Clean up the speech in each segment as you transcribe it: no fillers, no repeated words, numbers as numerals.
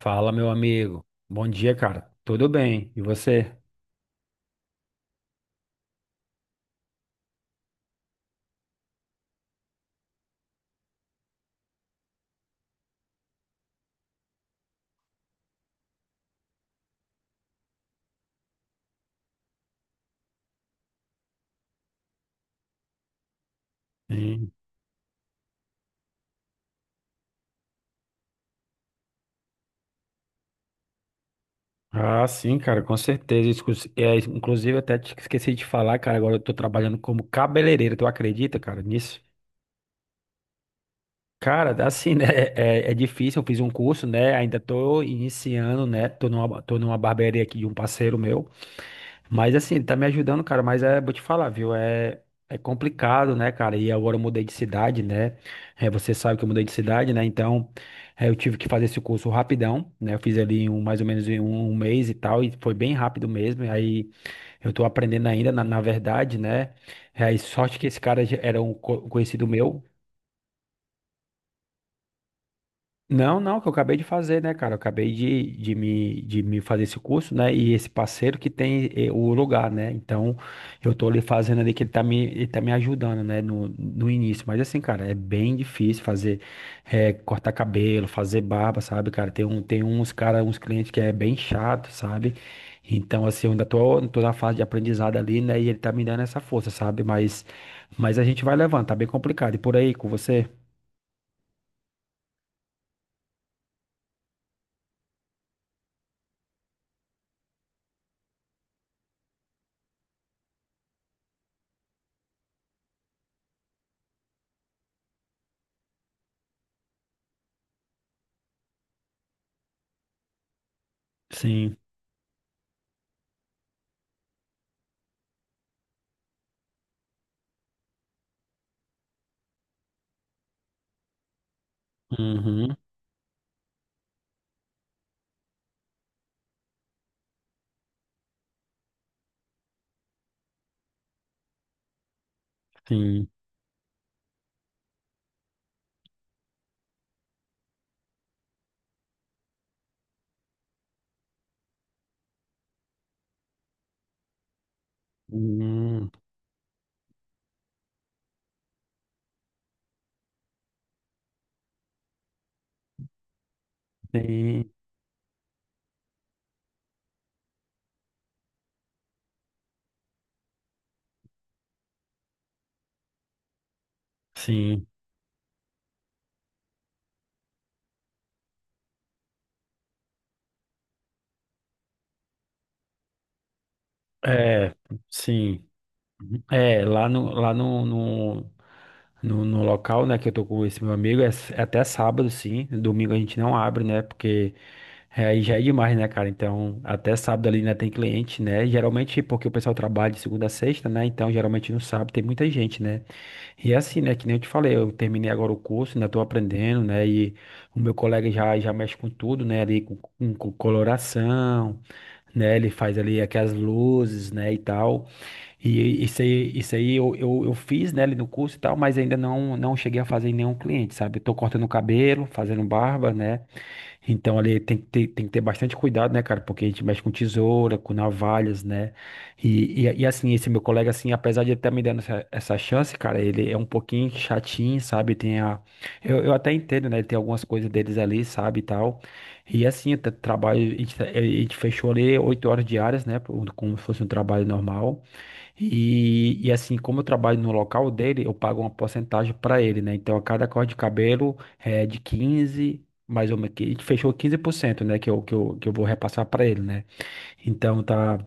Fala, meu amigo. Bom dia, cara. Tudo bem? E você? Sim. Ah, sim, cara, com certeza. É, inclusive, eu até te esqueci de falar, cara. Agora eu tô trabalhando como cabeleireiro. Tu acredita, cara, nisso? Cara, assim, né? É difícil. Eu fiz um curso, né? Ainda tô iniciando, né? Tô numa barbearia aqui de um parceiro meu. Mas assim, ele tá me ajudando, cara, mas é, vou te falar, viu? É complicado, né, cara? E agora eu mudei de cidade, né? É, você sabe que eu mudei de cidade, né? Então, é, eu tive que fazer esse curso rapidão, né? Eu fiz ali mais ou menos em um mês e tal, e foi bem rápido mesmo. E aí eu tô aprendendo ainda, na verdade, né? É, e sorte que esse cara já era um conhecido meu. Não, não, que eu acabei de fazer, né, cara? Eu acabei de me fazer esse curso, né? E esse parceiro que tem o lugar, né? Então, eu tô ali fazendo ali que ele tá me ajudando, né? No início. Mas assim, cara, é bem difícil fazer, cortar cabelo, fazer barba, sabe, cara? Tem uns clientes que é bem chato, sabe? Então, assim, eu ainda tô na fase de aprendizado ali, né? E ele tá me dando essa força, sabe? Mas a gente vai levando, tá bem complicado. E por aí, com você? Sim. Uhum, sim. Hum, sim, sim. É, sim. É, lá no local, né, que eu tô com esse meu amigo, é até sábado, sim. Domingo a gente não abre, né, porque é, aí já é demais, né, cara? Então, até sábado ali ainda tem cliente, né? Geralmente, porque o pessoal trabalha de segunda a sexta, né? Então, geralmente no sábado tem muita gente, né? E é assim, né? Que nem eu te falei, eu terminei agora o curso, ainda estou aprendendo, né? E o meu colega já mexe com tudo, né? Ali com coloração, né? Ele faz ali aquelas luzes, né? E tal. E isso aí eu fiz, né? Ali no curso e tal, mas ainda não cheguei a fazer em nenhum cliente, sabe? Eu tô cortando cabelo, fazendo barba, né? Então ali tem que ter bastante cuidado, né, cara? Porque a gente mexe com tesoura, com navalhas, né? E, assim, esse meu colega, assim, apesar de ele estar me dando essa chance, cara, ele é um pouquinho chatinho, sabe? Tem a. Eu até entendo, né? Ele tem algumas coisas deles ali, sabe, e tal. E assim, o trabalho, a gente fechou ali 8 horas diárias, né? Como se fosse um trabalho normal. E assim, como eu trabalho no local dele, eu pago uma porcentagem para ele, né? Então, a cada corte de cabelo é de 15 mais ou menos, que a gente fechou 15%, né? Que eu vou repassar para ele, né? Então,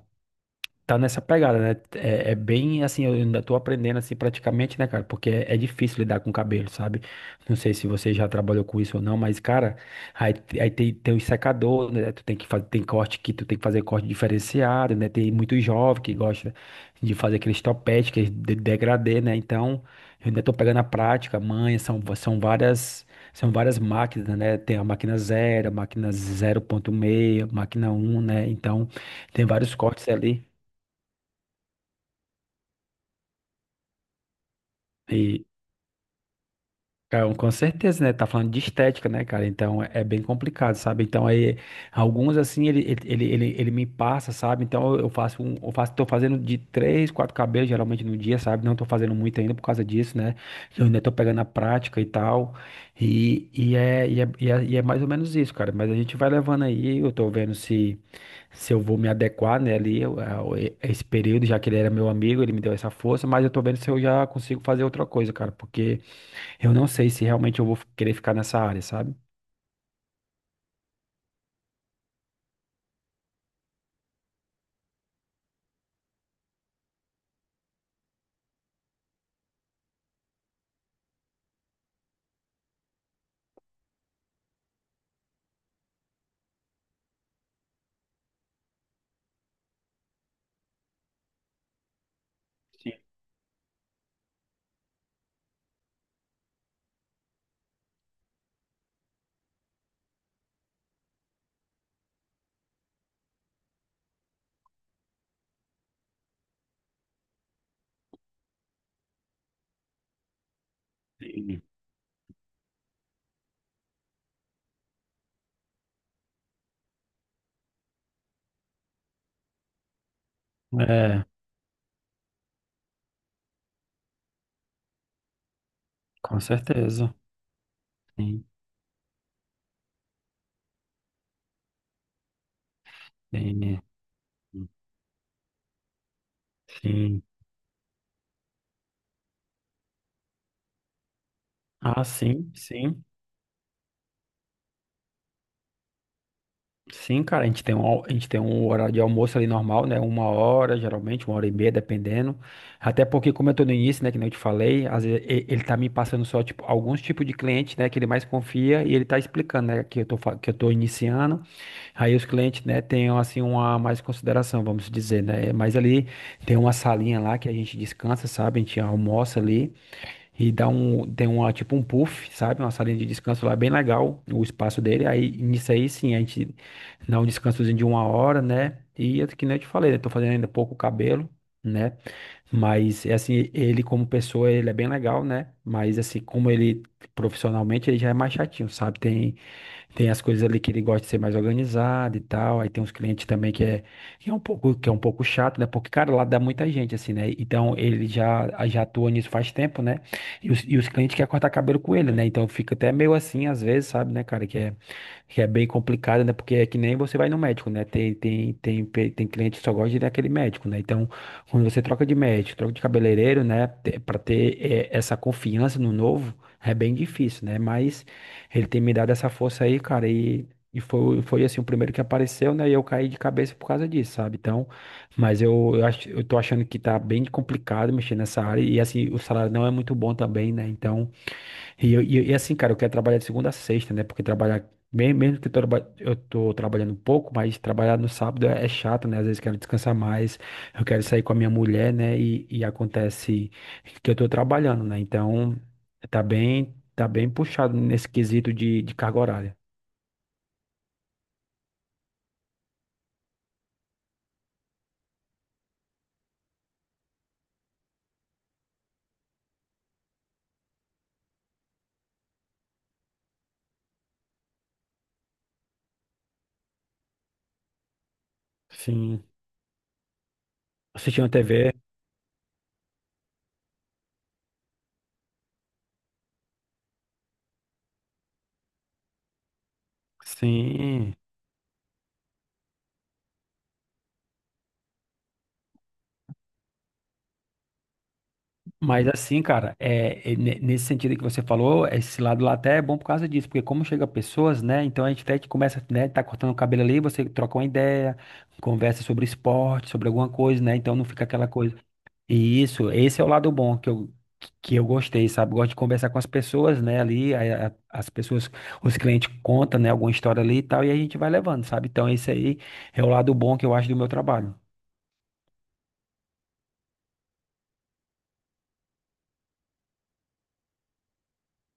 tá nessa pegada, né? É bem assim, eu ainda tô aprendendo assim praticamente, né, cara? Porque é difícil lidar com cabelo, sabe? Não sei se você já trabalhou com isso ou não, mas, cara, aí tem o secador, né? Tu tem que fazer, tem corte que tu tem que fazer corte diferenciado, né? Tem muito jovem que gosta de fazer aqueles topete, que é de degradê, né? Então, eu ainda tô pegando a prática, manha, são várias. São várias máquinas, né? Tem a máquina zero, a máquina 0.6, máquina um, né? Então, tem vários cortes ali. E, cara, com certeza, né? Tá falando de estética, né, cara? Então é bem complicado, sabe? Então aí, alguns assim, ele me passa, sabe? Então eu faço um, tô fazendo de três, quatro cabelos geralmente no dia, sabe? Não tô fazendo muito ainda por causa disso, né? Eu ainda tô pegando a prática e tal. E é mais ou menos isso, cara. Mas a gente vai levando aí, eu tô vendo se, eu vou me adequar, né, ali, a esse período, já que ele era meu amigo, ele me deu essa força, mas eu tô vendo se eu já consigo fazer outra coisa, cara, porque. Eu não sei se realmente eu vou querer ficar nessa área, sabe? Sim, sim. É, com certeza. Sim, sim, sim. Ah, sim, sim. Sim, cara, a gente tem um horário de almoço ali normal, né? Uma hora, geralmente, uma hora e meia, dependendo. Até porque, como eu tô no início, né, que nem eu te falei, às vezes ele tá me passando só, tipo, alguns tipos de cliente, né, que ele mais confia e ele tá explicando, né, que eu tô iniciando. Aí os clientes, né, tenham assim uma mais consideração, vamos dizer, né? Mas ali tem uma salinha lá que a gente descansa, sabe? A gente almoça ali e tem uma tipo um puff, sabe? Uma salinha de descanso lá bem legal, o espaço dele. Aí nisso aí sim, a gente dá um descansozinho de uma hora, né? E é que nem eu te falei, eu tô fazendo ainda pouco cabelo, né? Mas é assim, ele como pessoa, ele é bem legal, né? Mas assim, como ele profissionalmente, ele já é mais chatinho, sabe? Tem as coisas ali que ele gosta de ser mais organizado e tal. Aí tem uns clientes também que é um pouco chato, né? Porque, cara, lá dá muita gente, assim, né? Então ele já atua nisso faz tempo, né? E os clientes querem cortar cabelo com ele, né? Então fica até meio assim, às vezes, sabe, né, cara? Que é bem complicado, né? Porque é que nem você vai no médico, né? Tem cliente que só gosta de ir naquele médico, né? Então, quando você troca de médico, troca de cabeleireiro, né? Pra ter, essa confiança no novo, é bem difícil, né? Mas. Ele tem me dado essa força aí, cara, e foi assim o primeiro que apareceu, né? E eu caí de cabeça por causa disso, sabe? Então, mas eu tô achando que tá bem complicado mexer nessa área, e assim, o salário não é muito bom também, né? Então. E, assim, cara, eu quero trabalhar de segunda a sexta, né? Porque trabalhar, mesmo que eu tô trabalhando um pouco, mas trabalhar no sábado é chato, né? Às vezes quero descansar mais, eu quero sair com a minha mulher, né? E acontece que eu tô trabalhando, né? Então, tá bem puxado nesse quesito de carga horária. Sim. Assistindo a TV, sim. Mas assim, cara, nesse sentido que você falou, esse lado lá até é bom por causa disso, porque como chega pessoas, né? Então a gente até que começa, né? Tá cortando o cabelo ali, você troca uma ideia, conversa sobre esporte, sobre alguma coisa, né? Então não fica aquela coisa. E isso, esse é o lado bom que eu gostei, sabe? Gosto de conversar com as pessoas, né? Ali, aí as pessoas, os clientes contam, né? Alguma história ali e tal, e a gente vai levando, sabe? Então esse aí é o lado bom que eu acho do meu trabalho.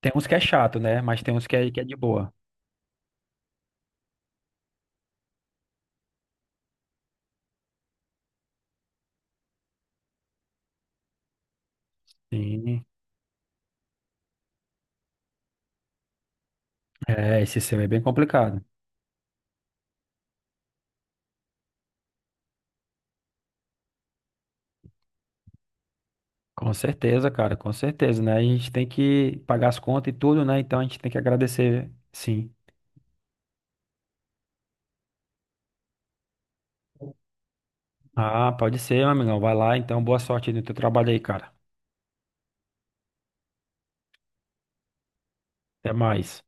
Tem uns que é chato, né? Mas tem uns que é de boa. Sim. É, esse sistema é bem complicado. Com certeza, cara, com certeza, né? A gente tem que pagar as contas e tudo, né? Então a gente tem que agradecer, sim. Ah, pode ser, meu amigão. Vai lá, então. Boa sorte aí no teu trabalho aí, cara. Até mais.